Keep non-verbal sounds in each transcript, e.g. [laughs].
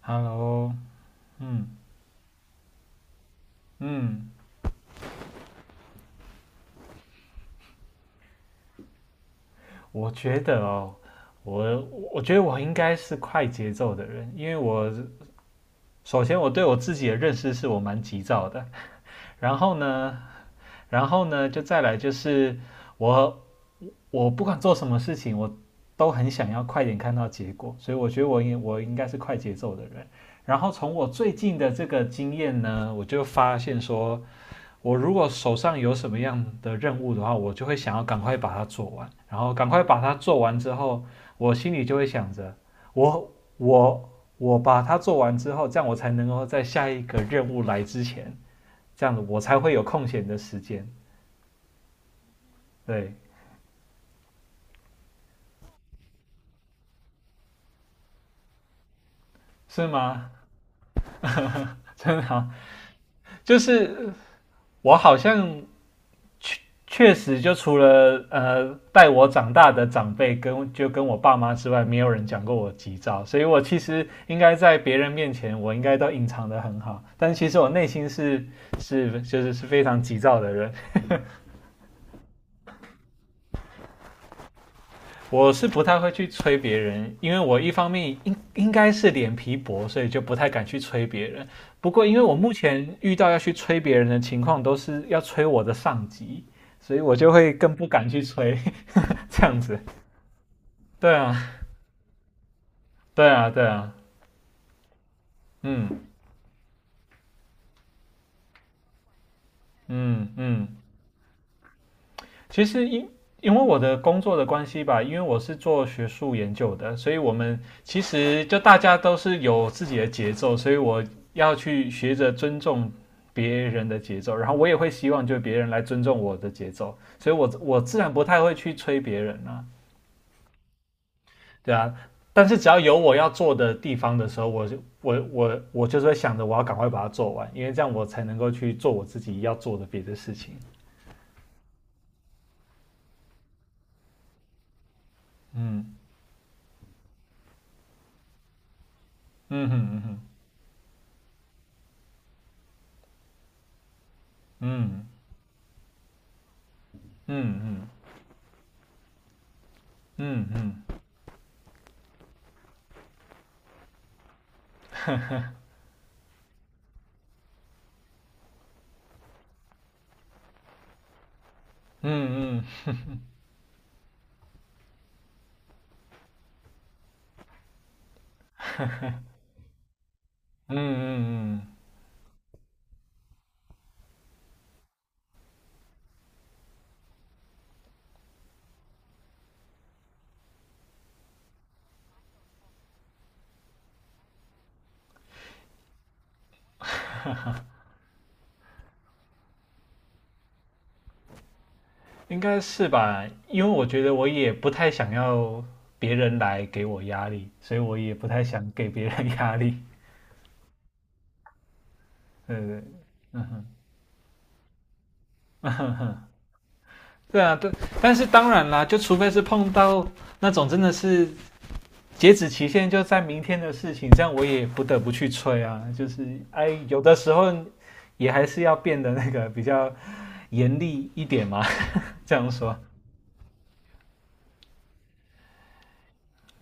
Hello，嗯嗯，我觉得哦，我我觉得我应该是快节奏的人，因为我首先我对我自己的认识是我蛮急躁的，然后呢，然后呢，就再来就是我我不管做什么事情，我都很想要快点看到结果，所以我觉得我应该是快节奏的人。然后从我最近的这个经验呢，我就发现说，我如果手上有什么样的任务的话，我就会想要赶快把它做完，然后赶快把它做完之后，我心里就会想着，我我我把它做完之后，这样我才能够在下一个任务来之前，这样子我才会有空闲的时间，对，是吗？[laughs] 真的好，就是我好像确实，就除了带我长大的长辈跟我爸妈之外，没有人讲过我急躁，所以我其实应该在别人面前，我应该都隐藏的很好，但其实我内心是就是非常急躁的人，我是不太会去催别人，因为我一方面应该是脸皮薄，所以就不太敢去催别人。不过因为我目前遇到要去催别人的情况，都是要催我的上级，所以我就会更不敢去催这样子。对啊，对啊，对啊，嗯嗯嗯，其实因为我的工作的关系吧，因为我是做学术研究的，所以我们其实就大家都是有自己的节奏，所以我要去学着尊重别人的节奏，然后我也会希望就别人来尊重我的节奏，所以我自然不太会去催别人啊，对啊，但是只要有我要做的地方的时候，我就是会想着我要赶快把它做完，因为这样我才能够去做我自己要做的别的事情，嗯。嗯哼嗯哼嗯嗯嗯嗯嗯嗯嗯嗯嗯，应该是吧？因为我觉得我也不太想要别人来给我压力，所以我也不太想给别人压力。对对，对嗯哼。嗯哼哼，对啊，对，但是当然啦，就除非是碰到那种真的是截止期限就在明天的事情，这样我也不得不去催啊。就是哎，有的时候也还是要变得那个比较严厉一点嘛。这样说，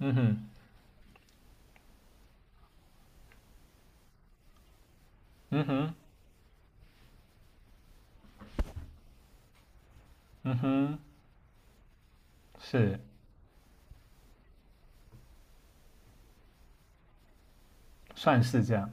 嗯哼，嗯哼，嗯哼，是，算是这样。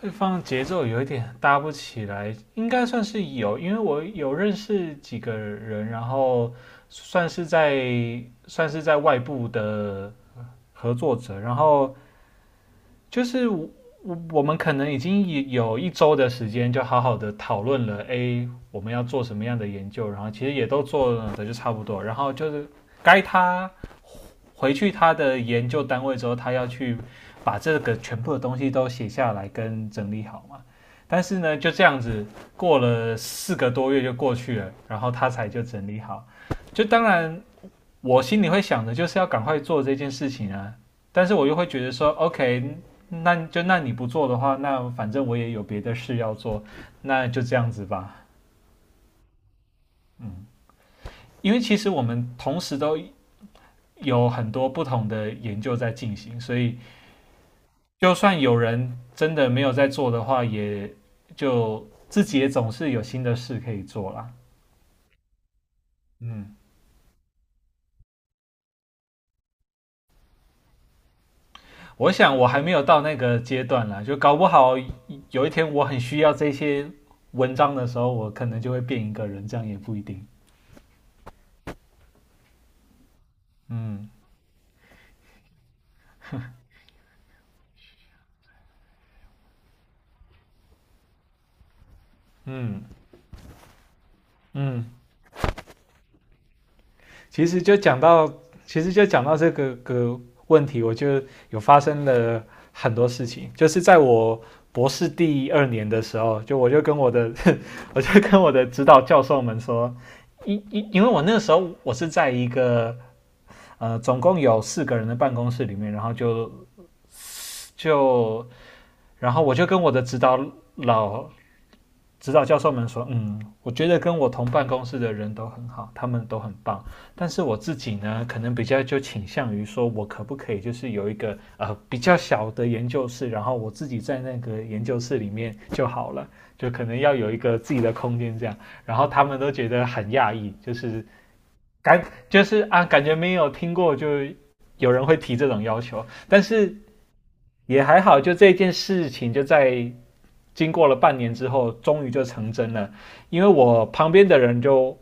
对方节奏有一点搭不起来，应该算是有，因为我有认识几个人，然后算是在外部的合作者，然后就是我们可能已经有1周的时间，就好好的讨论了 A 我们要做什么样的研究，然后其实也都做的就差不多，然后就是该他回去他的研究单位之后，他要去把这个全部的东西都写下来跟整理好嘛。但是呢，就这样子过了4个多月就过去了，然后他才就整理好。就当然我心里会想的就是要赶快做这件事情啊，但是我又会觉得说，OK，那就那你不做的话，那反正我也有别的事要做，那就这样子吧。嗯，因为其实我们同时都有很多不同的研究在进行，所以就算有人真的没有在做的话，也就自己也总是有新的事可以做啦。嗯，我想我还没有到那个阶段啦，就搞不好有一天我很需要这些文章的时候，我可能就会变一个人，这样也不一定。嗯嗯嗯，其实就讲到，其实就讲到这个问题，我就有发生了很多事情，就是在我博士第2年的时候，我就跟我的 [laughs] 我就跟我的指导教授们说，因为我那个时候我是在一个总共有4个人的办公室里面，然后就就然后我就跟我的老指导教授们说，嗯，我觉得跟我同办公室的人都很好，他们都很棒，但是我自己呢，可能比较就倾向于说，我可不可以就是有一个比较小的研究室，然后我自己在那个研究室里面就好了，就可能要有一个自己的空间这样，然后他们都觉得很讶异，就是感就是啊，感觉没有听过就有人会提这种要求，但是也还好，就这件事情就在经过了半年之后，终于就成真了。因为我旁边的人就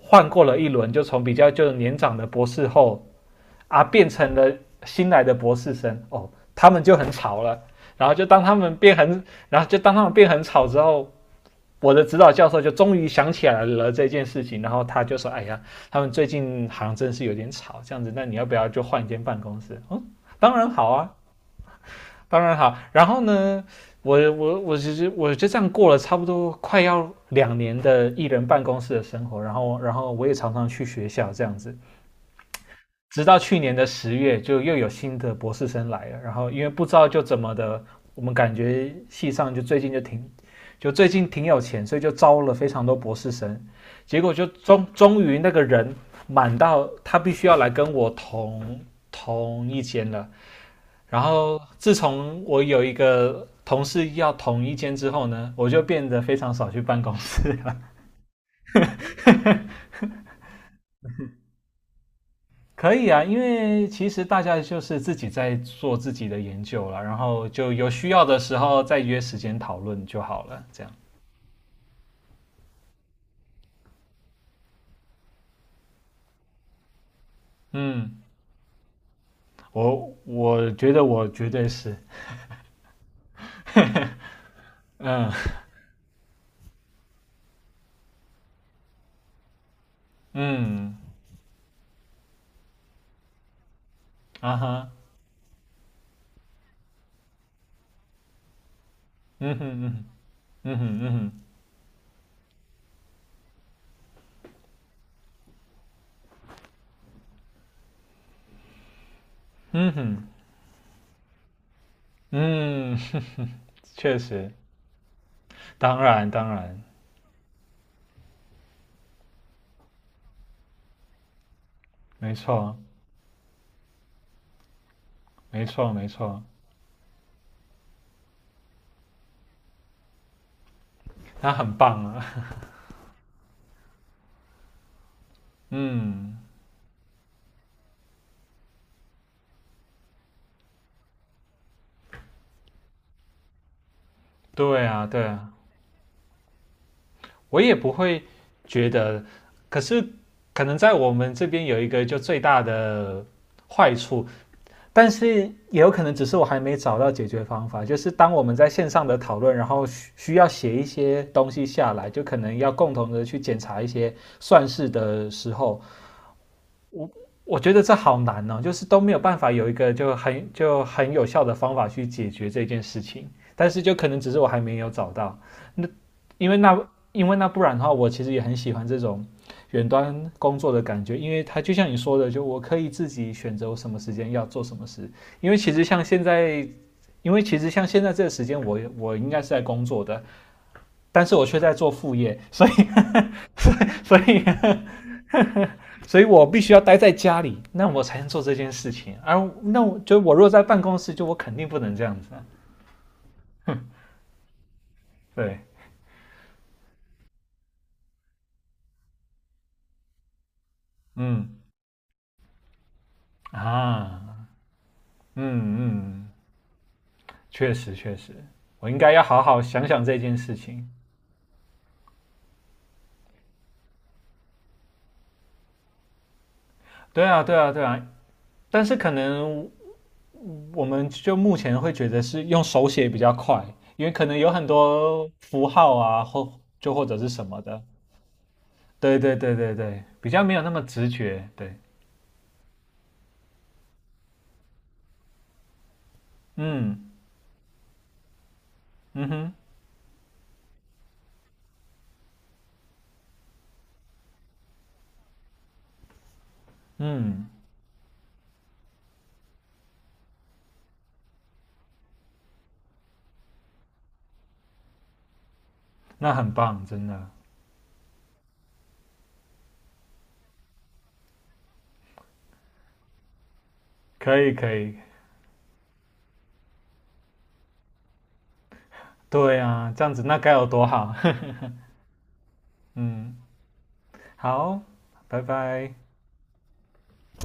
换过了一轮，就从比较就是年长的博士后啊，变成了新来的博士生哦，他们就很吵了。然后就当他们变很，然后就当他们变很吵之后，我的指导教授就终于想起来了这件事情，然后他就说：“哎呀，他们最近好像真是有点吵，这样子，那你要不要就换一间办公室？”嗯，当然好啊，当然好。然后呢，我其实我就这样过了差不多快要2年的艺人办公室的生活，然后我也常常去学校这样子，直到去年的10月，就又有新的博士生来了，然后因为不知道就怎么的，我们感觉系上就最近挺有钱，所以就招了非常多博士生，结果就终于那个人满到他必须要来跟我同一间了，然后自从我有一个同事要同一间之后呢，我就变得非常少去办公室了。[laughs] 可以啊，因为其实大家就是自己在做自己的研究了，然后就有需要的时候再约时间讨论就好了。这样，嗯，我我觉得我绝对是，嗯嗯啊哈，嗯哼嗯哼嗯哼嗯哼嗯哼嗯 [laughs] 确实，当然当然，没错没错没错，他很棒啊。嗯，对啊，对啊，我也不会觉得。可是，可能在我们这边有一个就最大的坏处，但是也有可能只是我还没找到解决方法。就是当我们在线上的讨论，然后需要写一些东西下来，就可能要共同的去检查一些算式的时候，我觉得这好难哦，就是都没有办法有一个就很就很有效的方法去解决这件事情。但是就可能只是我还没有找到。那因为那因为那不然的话，我其实也很喜欢这种远端工作的感觉，因为它就像你说的，就我可以自己选择我什么时间要做什么事。因为其实像现在，这个时间我，我应该是在工作的，但是我却在做副业，所以 [laughs] 所以我必须要待在家里，那我才能做这件事情。而那我若在办公室，就我肯定不能这样子啊对，嗯啊，嗯嗯。确实确实，我应该要好好想想这件事情。对啊对啊对啊，但是可能我们就目前会觉得是用手写比较快，因为可能有很多符号啊，或就或者是什么的。对对对对对，比较没有那么直觉。对，嗯嗯哼嗯，那很棒，真的可以可以。对啊，这样子那该有多好。[laughs] 嗯，好，拜拜。